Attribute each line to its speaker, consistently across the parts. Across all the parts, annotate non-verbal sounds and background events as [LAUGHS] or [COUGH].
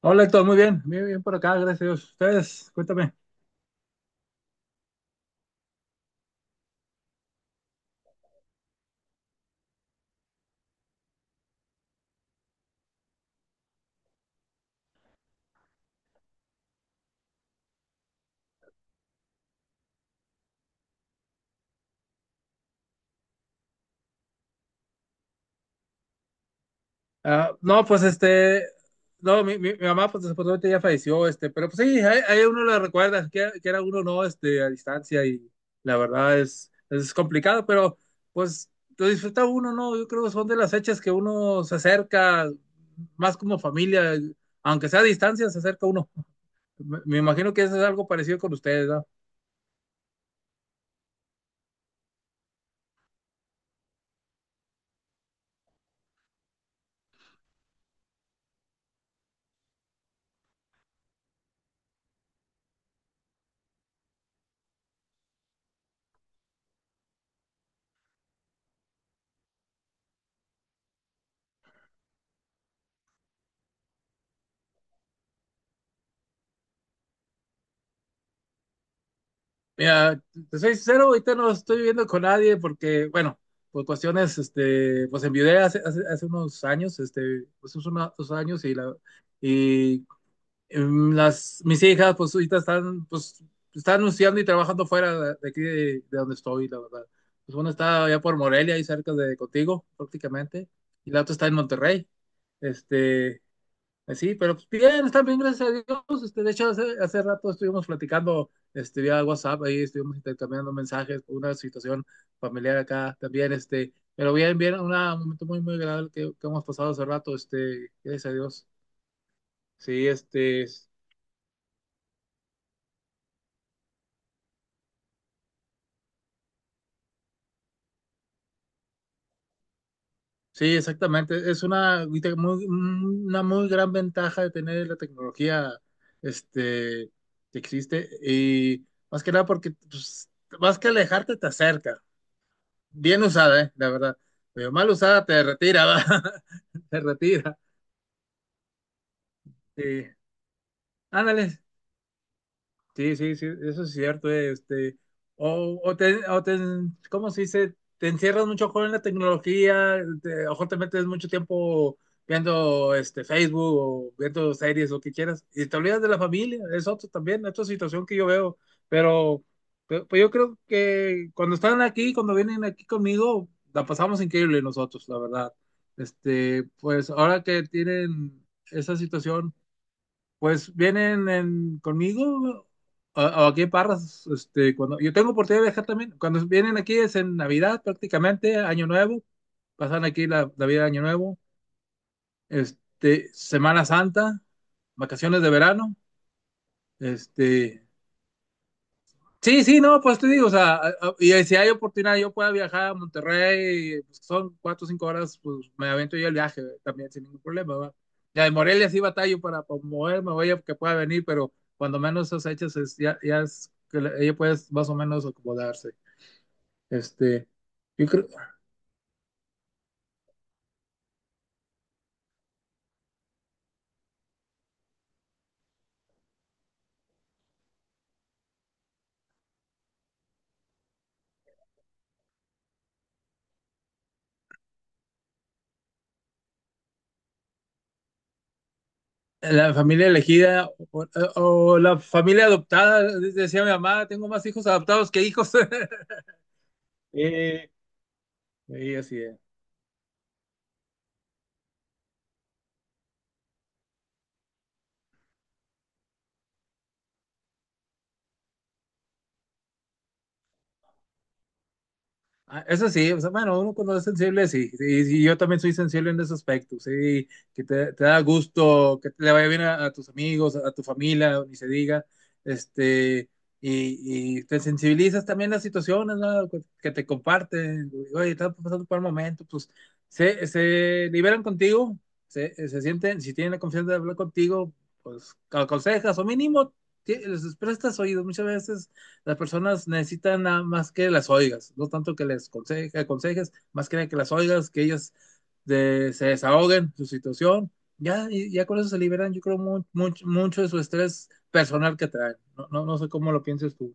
Speaker 1: Hola Héctor, muy bien por acá, gracias a Dios. Ustedes, cuéntame. Ah, no, pues no, mi mamá pues desafortunadamente ya falleció, pero pues sí, ahí uno la recuerda, que era uno no, a distancia y la verdad es complicado, pero pues lo disfruta uno, ¿no? Yo creo que son de las fechas que uno se acerca más como familia, aunque sea a distancia, se acerca uno. Me imagino que eso es algo parecido con ustedes, ¿no? Mira, te soy sincero, ahorita no estoy viviendo con nadie porque, bueno, por cuestiones, pues enviudé hace unos años, pues hace unos 2 años y mis hijas, pues ahorita están, pues, están anunciando y trabajando fuera de aquí de donde estoy, la verdad. Pues una está allá por Morelia, ahí cerca de contigo, prácticamente, y la otra está en Monterrey. Este, pues sí, pero pues, bien, están bien, gracias a Dios. De hecho, hace rato estuvimos platicando vía WhatsApp, ahí estuvimos intercambiando mensajes por una situación familiar acá también. Pero bien, bien, un momento muy, muy agradable que hemos pasado hace rato. Gracias a Dios. Sí, sí, exactamente. Es una muy gran ventaja de tener la tecnología este, que existe y más que nada porque pues, más que alejarte te acerca. Bien usada, ¿eh? La verdad. Pero mal usada te retira, [LAUGHS] ¿va? Te retira. Sí. Ándale, sí, sí, sí, eso es cierto, o, o te, o te, ¿cómo se dice? Te encierras mucho con la tecnología, te, a lo mejor te metes mucho tiempo viendo Facebook o viendo series o que quieras, y te olvidas de la familia, es otro también, otra situación que yo veo, pero pues yo creo que cuando están aquí, cuando vienen aquí conmigo, la pasamos increíble nosotros, la verdad. Pues ahora que tienen esa situación pues vienen conmigo o aquí en Parras, cuando yo tengo oportunidad de viajar también. Cuando vienen aquí es en Navidad prácticamente, Año Nuevo, pasan aquí la Navidad, Año Nuevo, Semana Santa, vacaciones de verano. este, Sí, sí, no, pues te digo, o sea, y si hay oportunidad, yo pueda viajar a Monterrey, pues, son 4 o 5 horas, pues me avento yo el viaje, ¿verdad? También sin ningún problema, ¿va? Ya de Morelia sí batallo para moverme, oye, que pueda venir, pero cuando menos esas fechas ya es que ella puede más o menos acomodarse. Este, yo creo, la familia elegida o la familia adoptada, decía mi mamá, tengo más hijos adoptados que hijos. [LAUGHS] Eh, Y así es. Ah, eso sí, o sea, bueno, uno cuando es sensible, sí, sí, sí, yo también soy sensible en ese aspecto, sí, que te da gusto, que te le vaya bien a tus amigos, a tu familia, ni se diga, este, y te sensibilizas también las situaciones, ¿no? Que te comparten, oye, estás pasando por un momento, pues se liberan contigo, se sienten, si tienen la confianza de hablar contigo, pues aconsejas o mínimo les prestas oídos, muchas veces las personas necesitan nada más que las oigas, no tanto que les aconsejes, más que las oigas, que ellas se desahoguen su situación. Ya, ya con eso se liberan, yo creo, mucho de su estrés personal que traen. No, no, no sé cómo lo pienses tú.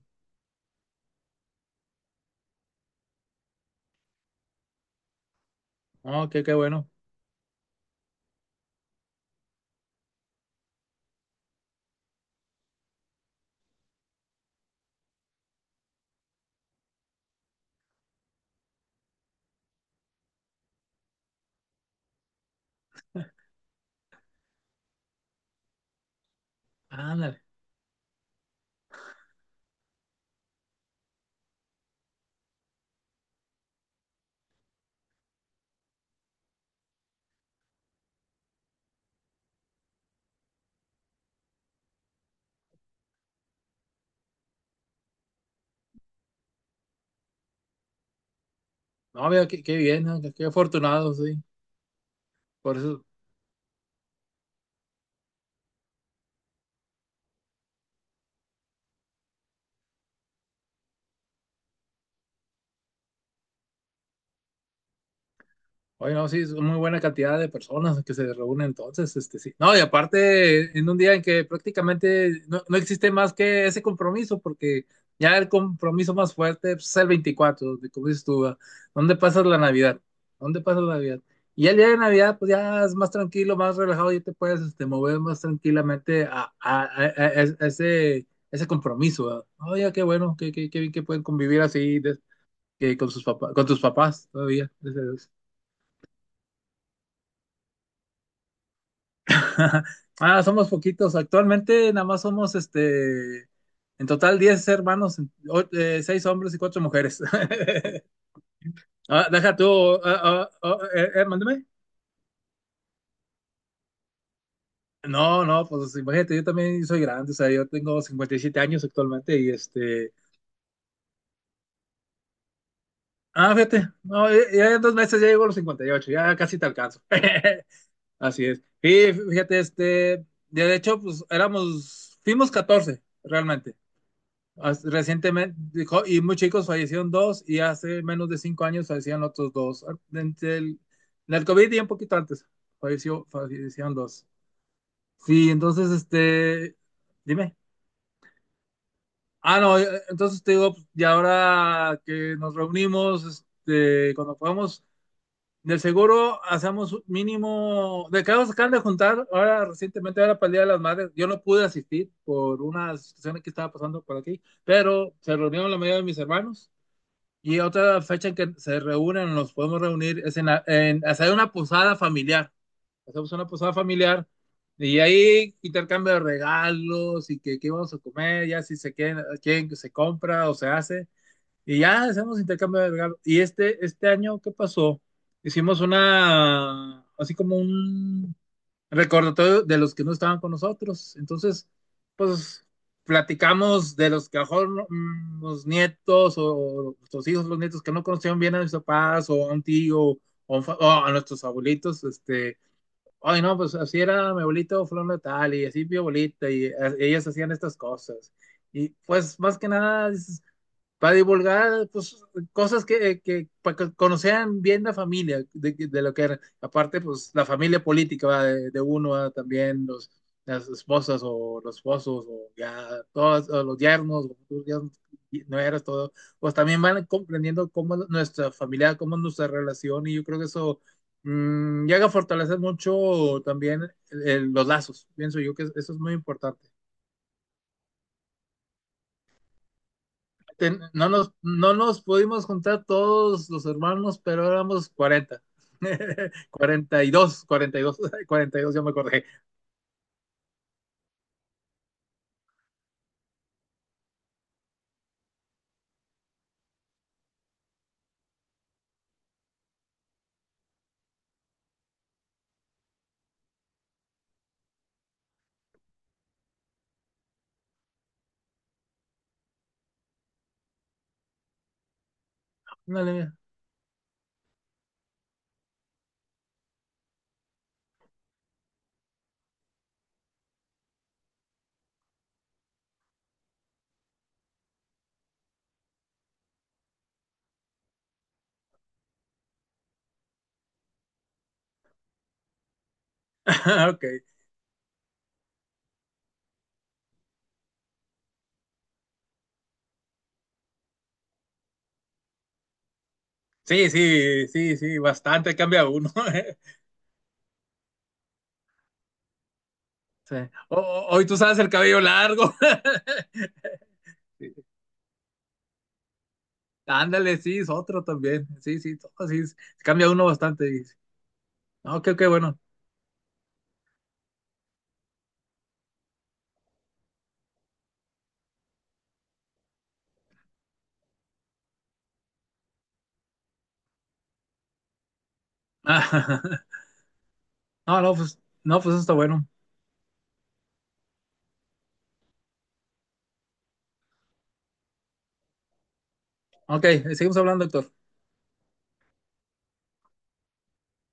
Speaker 1: No, qué bueno. Ándale. No, mira, qué bien, ¿no? Qué afortunado, sí. Por eso. Oye, no, sí, es una muy buena cantidad de personas que se reúnen entonces, sí. No, y aparte, en un día en que prácticamente no existe más que ese compromiso, porque ya el compromiso más fuerte pues, es el 24 de como dices tú, ¿verdad? ¿Dónde pasas la Navidad? ¿Dónde pasas la Navidad? Y ya el día de Navidad, pues ya es más tranquilo, más relajado, ya te puedes, mover más tranquilamente a ese compromiso, ¿verdad? Oye, qué bueno, qué, qué bien que pueden convivir así de- que con sus papás, con tus papás todavía, gracias a Dios. [LAUGHS] Ah, somos poquitos. Actualmente nada más somos, en total 10 hermanos, seis hombres y 4 mujeres. [LAUGHS] Ah, deja tú, mándeme. No, no, pues imagínate, yo también soy grande, o sea, yo tengo 57 años actualmente. Ah, fíjate, no, ya en 2 meses ya llego a los 58. Ya casi te alcanzo. [LAUGHS] Así es. Y fíjate, de hecho, pues fuimos 14, realmente. Recientemente, dijo, y muy chicos fallecieron dos y hace menos de 5 años fallecían otros dos. Ah, En el COVID y un poquito antes fallecieron dos. Sí, entonces, dime. Ah, no, entonces te digo, pues, y ahora que nos reunimos, cuando podamos, del seguro hacemos un mínimo, de que acaban de juntar, ahora recientemente, ahora para el Día de las Madres, yo no pude asistir por una situación que estaba pasando por aquí, pero se reunieron la mayoría de mis hermanos. Y otra fecha en que se reúnen, nos podemos reunir, es en hacer una posada familiar. Hacemos una posada familiar y ahí intercambio de regalos y que, qué vamos a comer, ya si quieren que se compra o se hace. Y ya hacemos intercambio de regalos. Y este año, ¿qué pasó? Hicimos así como un, recordatorio de los que no estaban con nosotros. Entonces, pues platicamos de los que a lo mejor no, los nietos o nuestros hijos, los nietos que no conocieron bien a nuestros papás o a un tío o a nuestros abuelitos, ay no, pues así era mi abuelito fulano de tal y así mi abuelita y ellas hacían estas cosas. Y pues más que nada dices, para divulgar pues, cosas para que conocieran bien la familia, de lo que era. Aparte, pues la familia política, ¿va? De uno, ¿va? También las esposas o los esposos, o ya todos o los yernos, no eras todo. Pues también van comprendiendo cómo es nuestra familia, cómo es nuestra relación, y yo creo que eso llega a fortalecer mucho también los lazos. Pienso yo que eso es muy importante. No nos pudimos juntar todos los hermanos, pero éramos 40 [LAUGHS] 42 [LAUGHS] 42 ya me acordé. Ándale, mira. [LAUGHS] Ok. Sí, sí, sí, sí, bastante cambia uno. [LAUGHS] Sí. Hoy tú sabes el cabello largo. [LAUGHS] Sí. Ándale, sí, es otro también. Sí, sí, todo, sí, cambia uno bastante. No, qué, qué bueno. [LAUGHS] No, no, pues, no, pues eso está bueno. Ok, seguimos hablando, doctor.